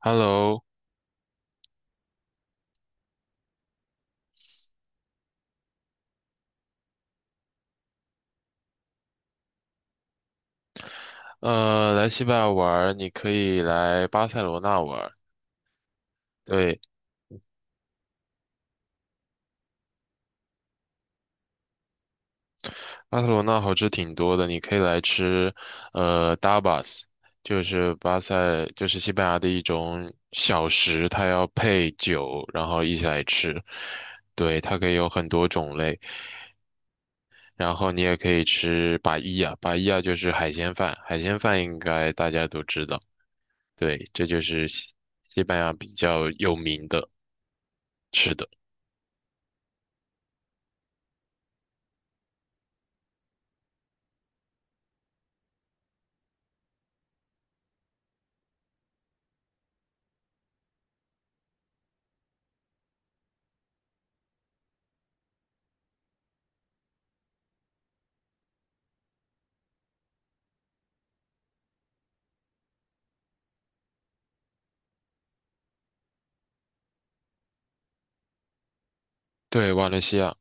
Hello，来西班牙玩儿你可以来巴塞罗那玩儿。对，巴塞罗那好吃挺多的，你可以来吃，tapas，就是巴塞，就是西班牙的一种小食，它要配酒，然后一起来吃。对，它可以有很多种类，然后你也可以吃巴伊亚，巴伊亚就是海鲜饭，海鲜饭应该大家都知道。对，这就是西班牙比较有名的吃的。对，瓦伦西亚。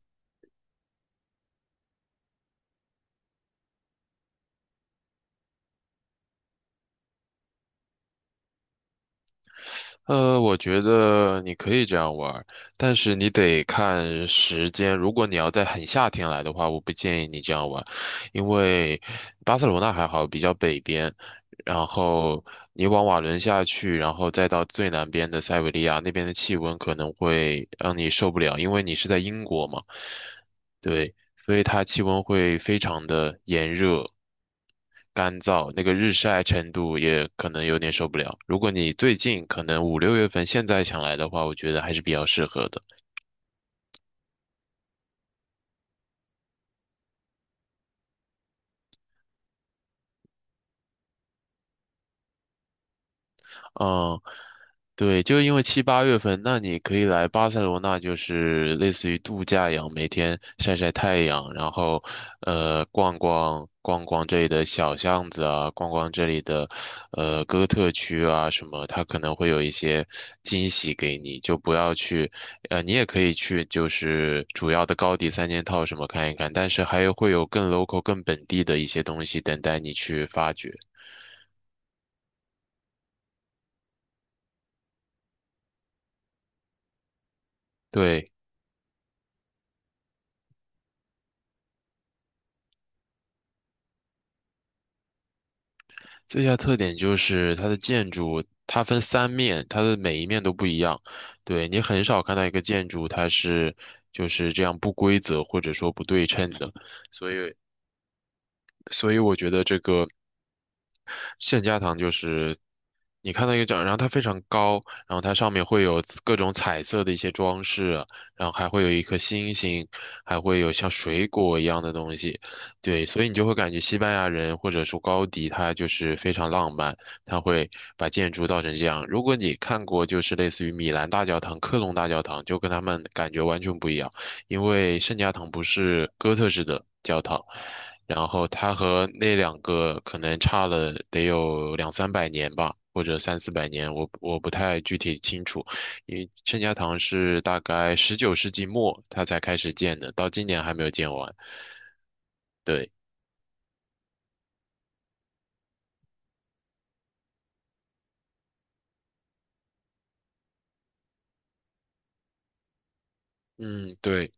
我觉得你可以这样玩儿，但是你得看时间。如果你要在很夏天来的话，我不建议你这样玩，因为巴塞罗那还好，比较北边，然后你往瓦伦下去，然后再到最南边的塞维利亚，那边的气温可能会让你受不了，因为你是在英国嘛。对，所以它气温会非常的炎热、干燥，那个日晒程度也可能有点受不了。如果你最近可能五六月份现在想来的话，我觉得还是比较适合的。嗯，对，就是因为七八月份，那你可以来巴塞罗那，就是类似于度假一样，每天晒晒太阳，然后逛逛这里的小巷子啊，逛逛这里的哥特区啊什么，它可能会有一些惊喜给你，就不要去，你也可以去，就是主要的高迪三件套什么看一看，但是还有会有更 local、更本地的一些东西等待你去发掘。对。最大特点就是它的建筑，它分三面，它的每一面都不一样。对，你很少看到一个建筑，它是就是这样不规则或者说不对称的。所以，所以我觉得这个圣家堂就是你看到一个展，然后它非常高，然后它上面会有各种彩色的一些装饰，然后还会有一颗星星，还会有像水果一样的东西。对，所以你就会感觉西班牙人或者说高迪他就是非常浪漫，他会把建筑造成这样。如果你看过就是类似于米兰大教堂、科隆大教堂，就跟他们感觉完全不一样。因为圣家堂不是哥特式的教堂，然后它和那两个可能差了得有两三百年吧，或者三四百年，我不太具体清楚。因为圣家堂是大概十九世纪末它才开始建的，到今年还没有建完。对，嗯，对，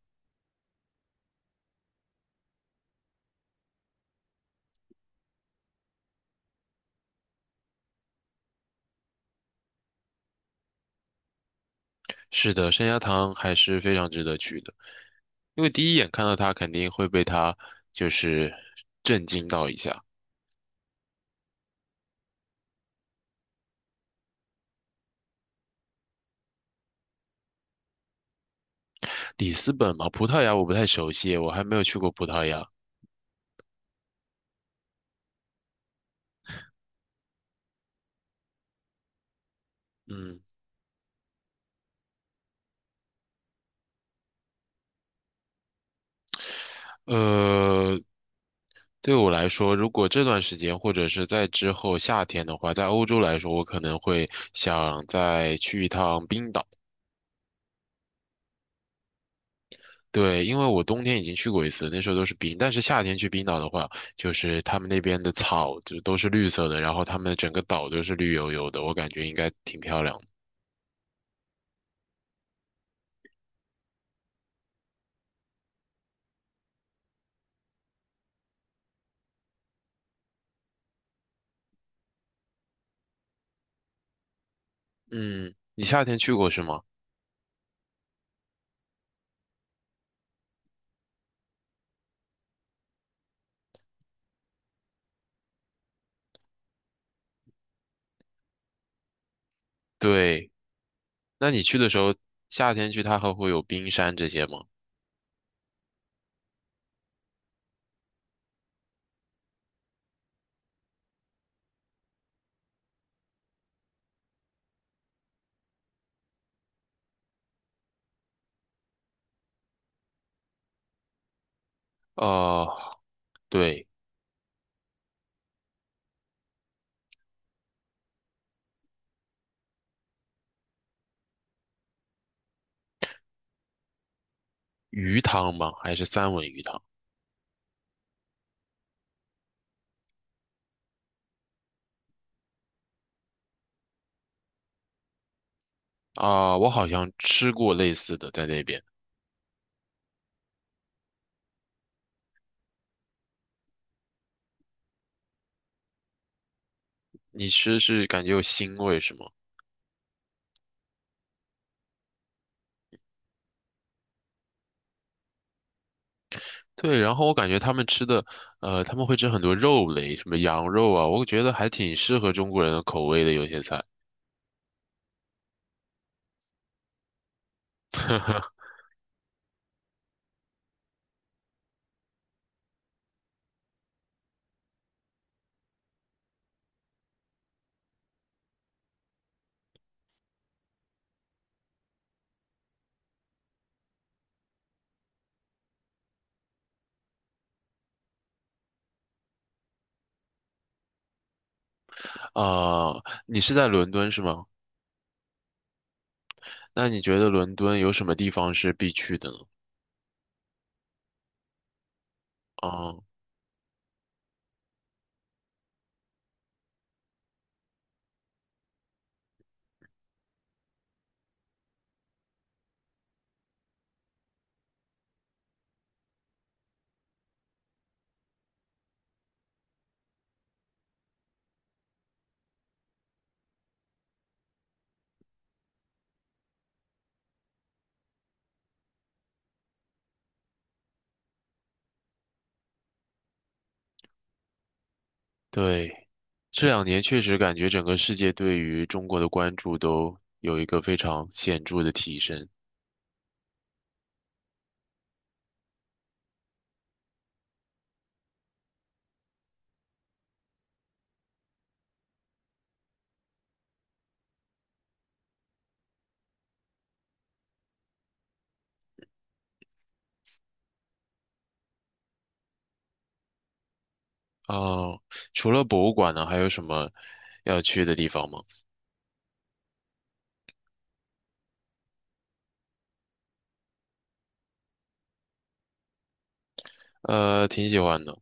是的，圣家堂还是非常值得去的，因为第一眼看到它肯定会被它就是震惊到一下。里斯本嘛，葡萄牙我不太熟悉，我还没有去过葡萄牙。嗯，呃，对我来说，如果这段时间或者是在之后夏天的话，在欧洲来说，我可能会想再去一趟冰岛。对，因为我冬天已经去过一次，那时候都是冰，但是夏天去冰岛的话，就是他们那边的草就都是绿色的，然后他们整个岛都是绿油油的，我感觉应该挺漂亮的。嗯，你夏天去过是吗？对。那你去的时候，夏天去它还会有冰山这些吗？哦，对，鱼汤吗？还是三文鱼汤？我好像吃过类似的在那边。你吃是感觉有腥味是吗？对，然后我感觉他们吃的，他们会吃很多肉类，什么羊肉啊，我觉得还挺适合中国人的口味的有些菜。啊、你是在伦敦是吗？那你觉得伦敦有什么地方是必去的呢？啊、对，这两年确实感觉整个世界对于中国的关注都有一个非常显著的提升。哦，除了博物馆呢，还有什么要去的地方吗？挺喜欢的。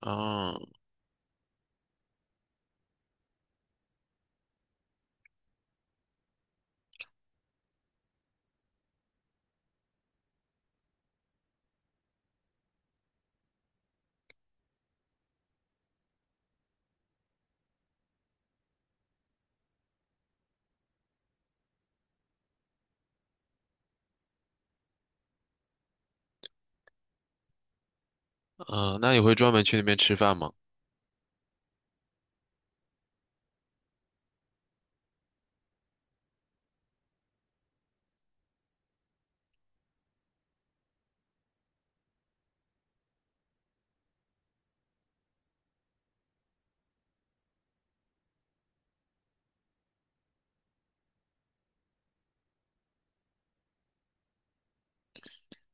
嗯嗯，那你会专门去那边吃饭吗？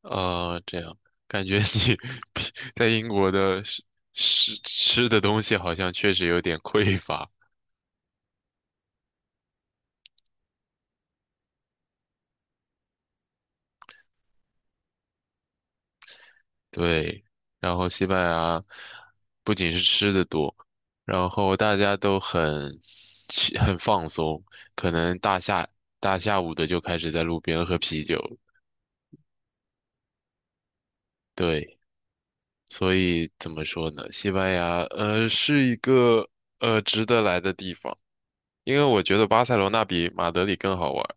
这样感觉你 在英国的吃的东西好像确实有点匮乏。对，然后西班牙不仅是吃的多，然后大家都很去很放松，可能大下午的就开始在路边喝啤酒了。对，所以怎么说呢？西班牙是一个值得来的地方，因为我觉得巴塞罗那比马德里更好玩儿。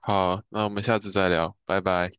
好，那我们下次再聊，拜拜。